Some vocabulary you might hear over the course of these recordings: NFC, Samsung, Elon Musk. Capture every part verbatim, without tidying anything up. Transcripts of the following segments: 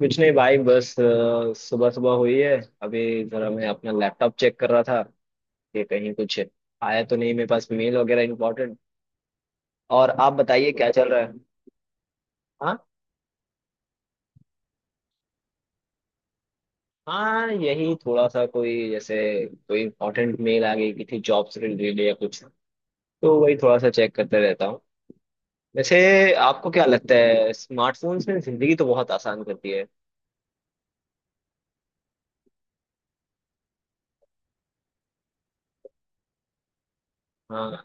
कुछ नहीं भाई बस सुबह सुबह हुई है। अभी जरा मैं अपना लैपटॉप चेक कर रहा था कि कहीं कुछ आया तो नहीं मेरे पास मेल वगैरह इम्पोर्टेंट। और आप बताइए क्या चल रहा है? हाँ। हाँ, यही थोड़ा सा कोई जैसे कोई इम्पोर्टेंट मेल आ गई कि थी जॉब से रिलेटेड या कुछ। तो वही थोड़ा सा चेक करते रहता हूँ वैसे। आपको क्या लगता है स्मार्टफोन्स ने जिंदगी तो बहुत आसान कर दी है? हाँ,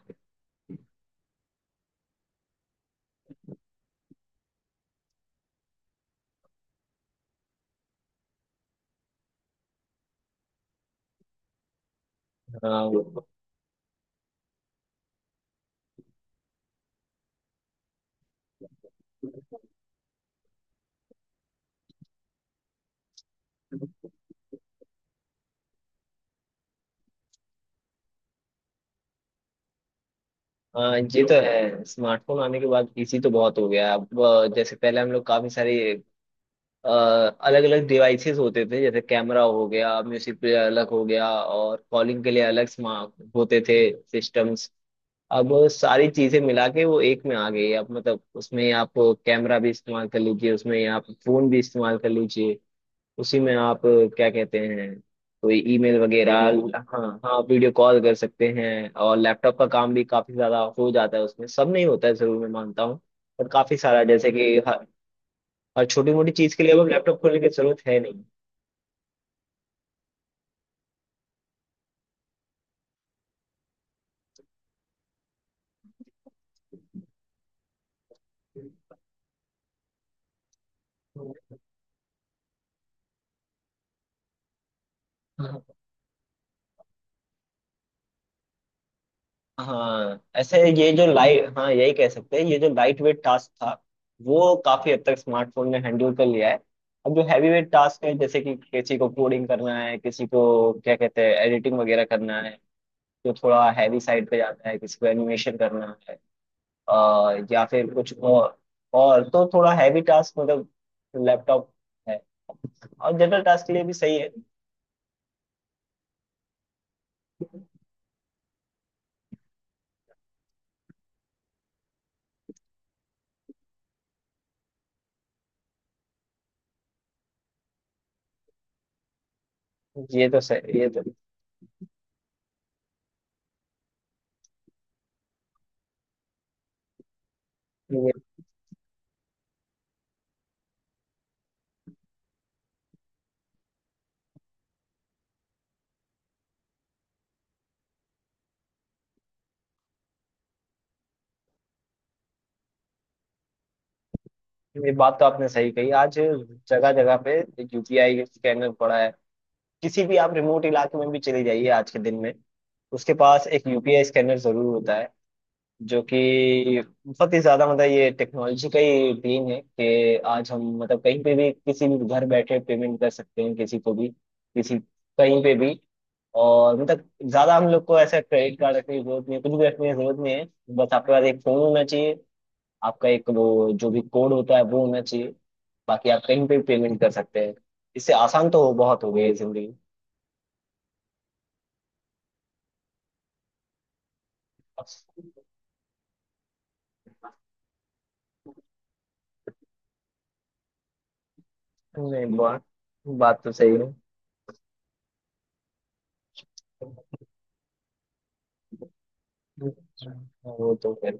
हाँ, हाँ, ये तो है। स्मार्टफोन आने के बाद इसी तो बहुत हो गया है। अब अ, जैसे पहले हम लोग काफी सारे अलग अलग डिवाइसेस होते थे जैसे कैमरा हो गया म्यूजिक प्लेयर अलग हो गया और कॉलिंग के लिए अलग स्मार्ट होते थे सिस्टम्स। अब सारी चीजें मिला के वो एक में आ गई है। अब मतलब उसमें आप कैमरा भी इस्तेमाल कर लीजिए उसमें आप फोन भी इस्तेमाल कर लीजिए उसी में आप क्या कहते हैं कोई ईमेल वगैरह। हाँ, हाँ, वीडियो कॉल कर सकते हैं और लैपटॉप का काम भी काफी ज्यादा हो जाता है उसमें सब नहीं होता है जरूर मैं मानता हूँ। पर काफी सारा जैसे कि हर, हर छोटी मोटी चीज के लिए अब लैपटॉप खोलने की जरूरत है नहीं। हाँ, हाँ, ऐसे ये जो लाइट, हाँ, यही कह सकते हैं, ये जो लाइट वेट टास्क था वो काफी हद तक स्मार्टफोन ने हैंडल कर लिया है। अब जो हैवी वेट टास्क है जैसे कि किसी को कोडिंग करना है किसी को क्या कहते हैं एडिटिंग वगैरह करना है जो थोड़ा हैवी साइड पे जाता है किसी को एनिमेशन करना है, अ, या फिर कुछ और। और तो थोड़ा हैवी टास्क मतलब लैपटॉप है। और जनरल टास्क के लिए भी सही है। ये तो सही ये तो ये, ये बात तो आपने सही कही। आज जगह जगह पे यूपीआई स्कैनर पड़ा है। किसी भी आप रिमोट इलाके में भी चले जाइए आज के दिन में उसके पास एक यूपीआई स्कैनर जरूर होता है जो कि बहुत ही ज्यादा मतलब ये टेक्नोलॉजी का ही देन है कि आज हम मतलब कहीं पे भी किसी भी घर बैठे पेमेंट कर सकते हैं किसी को भी किसी कहीं पे भी। और मतलब ज्यादा हम लोग को ऐसा क्रेडिट कार्ड रखने की जरूरत नहीं है कुछ भी रखने की जरूरत नहीं है। बस आपके पास एक फोन होना चाहिए। आपका एक वो जो भी कोड होता है वो होना चाहिए। बाकी आप कहीं पे भी पेमेंट कर सकते हैं। इससे आसान तो बहुत हो गई है जिंदगी। नहीं, बात बात तो सही है। वो तो है।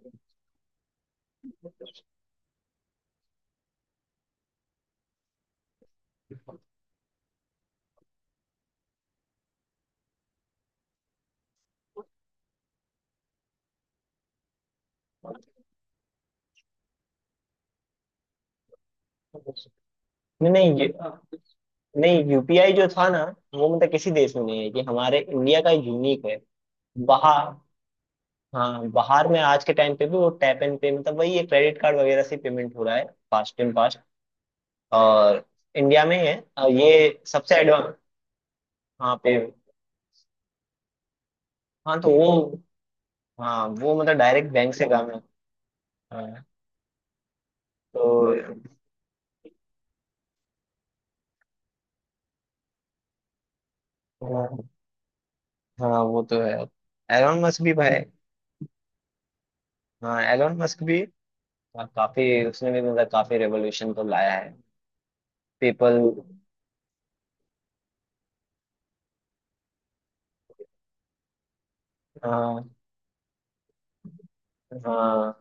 नहीं, नहीं, ये- नहीं, यूपीआई जो था ना वो मतलब किसी देश में नहीं है, ये हमारे इंडिया का यूनिक है। बाहर हाँ, बाहर में आज के टाइम पे भी वो टैप एंड पे मतलब वही है क्रेडिट कार्ड वगैरह से पेमेंट हो रहा है फास्ट एंड फास्ट। और इंडिया में है और ये सबसे एडवांस। हाँ पे। हाँ तो वो। हाँ, वो मतलब डायरेक्ट बैंक से काम है। हाँ तो। हाँ, हाँ, वो तो है। एलोन मस्क भी भाई। हाँ, एलोन मस्क भी। हाँ, काफी उसने भी मतलब काफी रेवोल्यूशन तो लाया है। पीपल। हाँ। हाँ,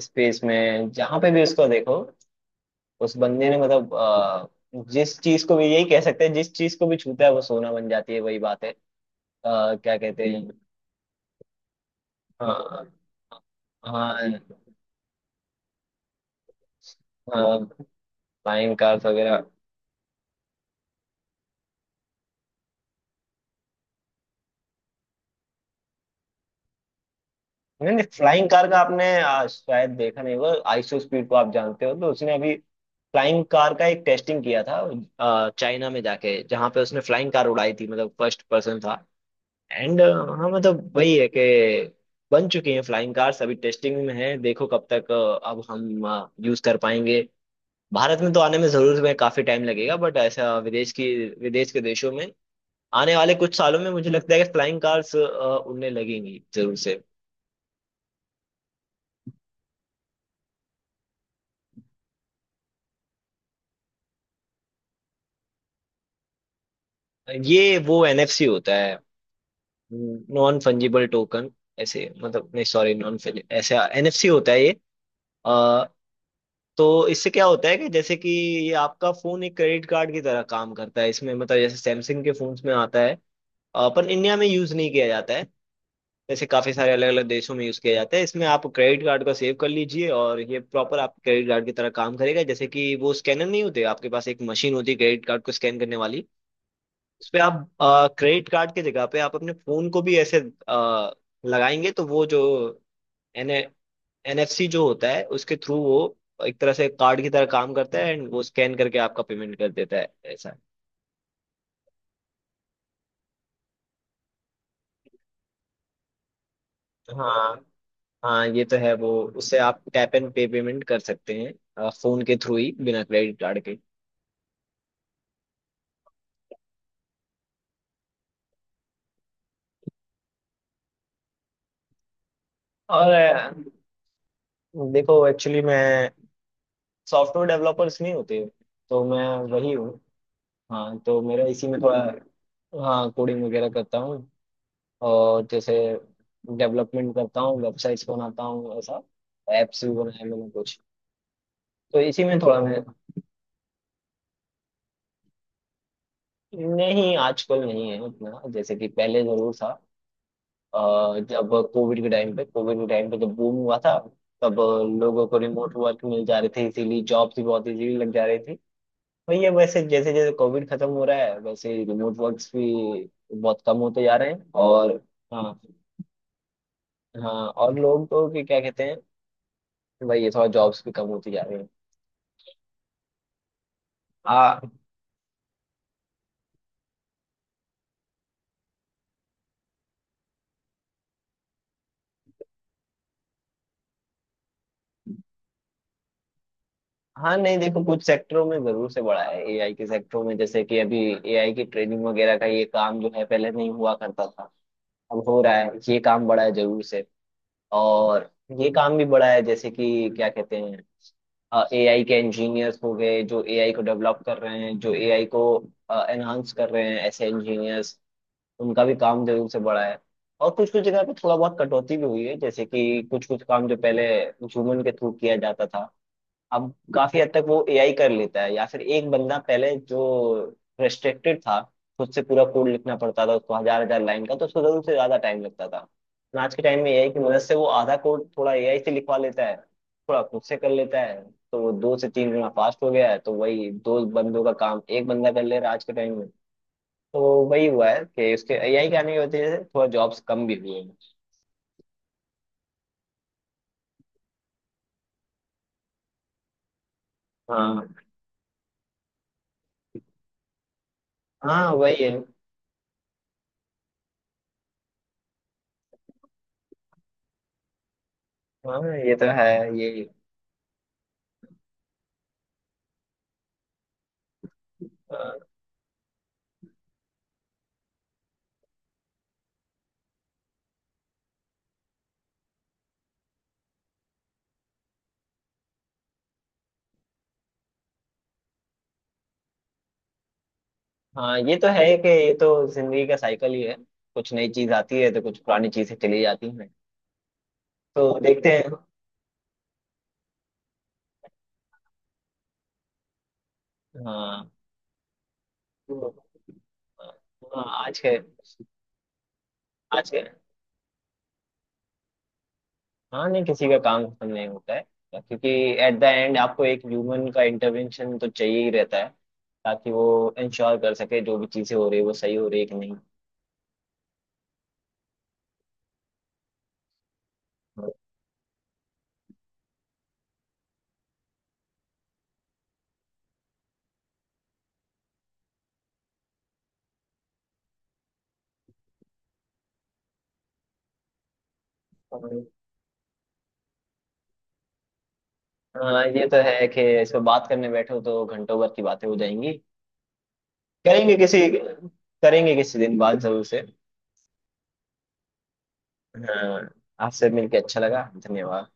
स्पेस में जहाँ पे भी उसको देखो उस बंदे ने मतलब, अ, जिस चीज को भी यही कह सकते हैं जिस चीज को भी छूता है वो सोना बन जाती है वही बात है। अ, क्या कहते हैं। हाँ। हाँ। हाँ, फ्लाइंग कार्स वगैरह। नहीं, नहीं, फ्लाइंग कार का आपने आ, शायद देखा नहीं होगा। आईसो स्पीड को आप जानते हो तो उसने अभी फ्लाइंग कार का एक टेस्टिंग किया था। आ, चाइना में जाके जहाँ पे उसने फ्लाइंग कार उड़ाई थी मतलब फर्स्ट पर्सन था। एंड हाँ, मतलब वही है कि बन चुकी हैं फ्लाइंग कार्स। अभी टेस्टिंग में है। देखो कब तक, अ, अब हम यूज कर पाएंगे। भारत में तो आने में जरूर में काफी टाइम लगेगा बट ऐसा विदेश की विदेश के देशों में आने वाले कुछ सालों में मुझे लगता है कि फ्लाइंग कार्स उड़ने लगेंगी जरूर से। ये वो एनएफसी होता है। Non fungible token. ऐसे मतलब नहीं। Sorry, non. ऐसे एनएफसी होता है ये। अ, तो इससे क्या होता है कि जैसे कि ये आपका फोन एक क्रेडिट कार्ड की तरह काम करता है इसमें मतलब जैसे सैमसंग के फोन्स में आता है। अ, पर इंडिया में यूज नहीं किया जाता है। जैसे काफी सारे अलग अलग देशों में यूज किया जाता है। इसमें आप क्रेडिट कार्ड को सेव कर लीजिए और ये प्रॉपर आप क्रेडिट कार्ड की तरह काम करेगा जैसे कि वो स्कैनर नहीं होते आपके पास एक मशीन होती है क्रेडिट कार्ड को स्कैन करने वाली। उस पे आप क्रेडिट कार्ड की जगह पे आप अपने फोन को भी ऐसे अ, लगाएंगे तो वो जो एन एनएफसी जो होता है उसके थ्रू वो एक तरह से कार्ड की तरह काम करता है एंड वो स्कैन करके आपका पेमेंट कर देता है ऐसा है। हाँ, हाँ, ये तो है वो। उससे आप टैप एंड पे पेमेंट कर सकते हैं। आ, फोन के थ्रू ही बिना क्रेडिट कार्ड के। और अ, देखो एक्चुअली मैं सॉफ्टवेयर डेवलपर्स नहीं होते तो मैं वही हूँ। हाँ, तो मेरा इसी में थोड़ा। हाँ, कोडिंग वगैरह करता हूँ। और जैसे डेवलपमेंट करता हूँ वेबसाइट्स बनाता हूँ ऐसा। एप्स भी बनाए मैंने कुछ। तो इसी में थोड़ा मैं। नहीं, आजकल नहीं है उतना जैसे कि पहले जरूर था। अ, जब कोविड के टाइम पे कोविड के टाइम पे जब बूम हुआ था तब लोगों को रिमोट वर्क मिल जा रहे थे इसीलिए जॉब्स भी बहुत इजीली लग जा रही थी। तो ये वैसे जैसे जैसे कोविड खत्म हो रहा है वैसे रिमोट वर्क्स भी बहुत कम होते जा रहे हैं। और, हाँ। हाँ और लोग तो कि क्या कहते हैं, भाई ये थोड़ा जॉब्स भी कम होती जा रही है। आ, हाँ, नहीं देखो कुछ सेक्टरों में जरूर से बढ़ा है एआई के सेक्टरों में जैसे कि अभी एआई की ट्रेनिंग वगैरह का ये काम जो है पहले नहीं हुआ करता था अब हो रहा है ये काम बढ़ा है जरूर से। और ये काम भी बढ़ा है जैसे कि क्या कहते हैं एआई के इंजीनियर्स हो गए जो एआई को डेवलप कर रहे हैं जो एआई को एनहांस कर रहे हैं ऐसे इंजीनियर्स उनका भी काम जरूर से बढ़ा है। और कुछ कुछ जगह पे थोड़ा बहुत कटौती भी हुई है जैसे कि कुछ कुछ काम जो पहले ह्यूमन के थ्रू किया जाता था अब काफी हद तक वो एआई कर लेता है या फिर एक बंदा पहले जो रेस्ट्रिक्टेड था खुद से पूरा कोड लिखना पड़ता था उसको हजार हजार लाइन का तो उसको जरूर से ज्यादा टाइम लगता था लेकिन आज के टाइम में एआई की मदद से वो आधा कोड थोड़ा एआई से लिखवा लेता है थोड़ा खुद से कर लेता है। तो वो दो से तीन गुना फास्ट हो गया है तो वही दो बंदों का काम एक बंदा कर ले रहा है आज के टाइम में। तो वही हुआ है कि उसके एआई के आने की वजह से थोड़ा जॉब्स कम भी हुए हैं। हाँ, हाँ वही है। हाँ, ये तो है। ये। हाँ। हाँ, ये तो है कि ये तो जिंदगी का साइकिल ही है। कुछ नई चीज आती है तो कुछ पुरानी चीजें चली जाती हैं। तो देखते हैं। हाँ, हाँ। आज के आज के हाँ, नहीं किसी का काम खत्म नहीं होता है क्योंकि एट द एंड आपको एक ह्यूमन का इंटरवेंशन तो चाहिए ही रहता है ताकि वो इंश्योर कर सके जो भी चीजें हो रही है वो सही हो रही है कि नहीं। हाँ, ये तो है कि इस पर बात करने बैठो तो घंटों भर की बातें हो जाएंगी। करेंगे किसी करेंगे किसी दिन बात जरूर से। हाँ, आपसे मिलके अच्छा लगा। धन्यवाद।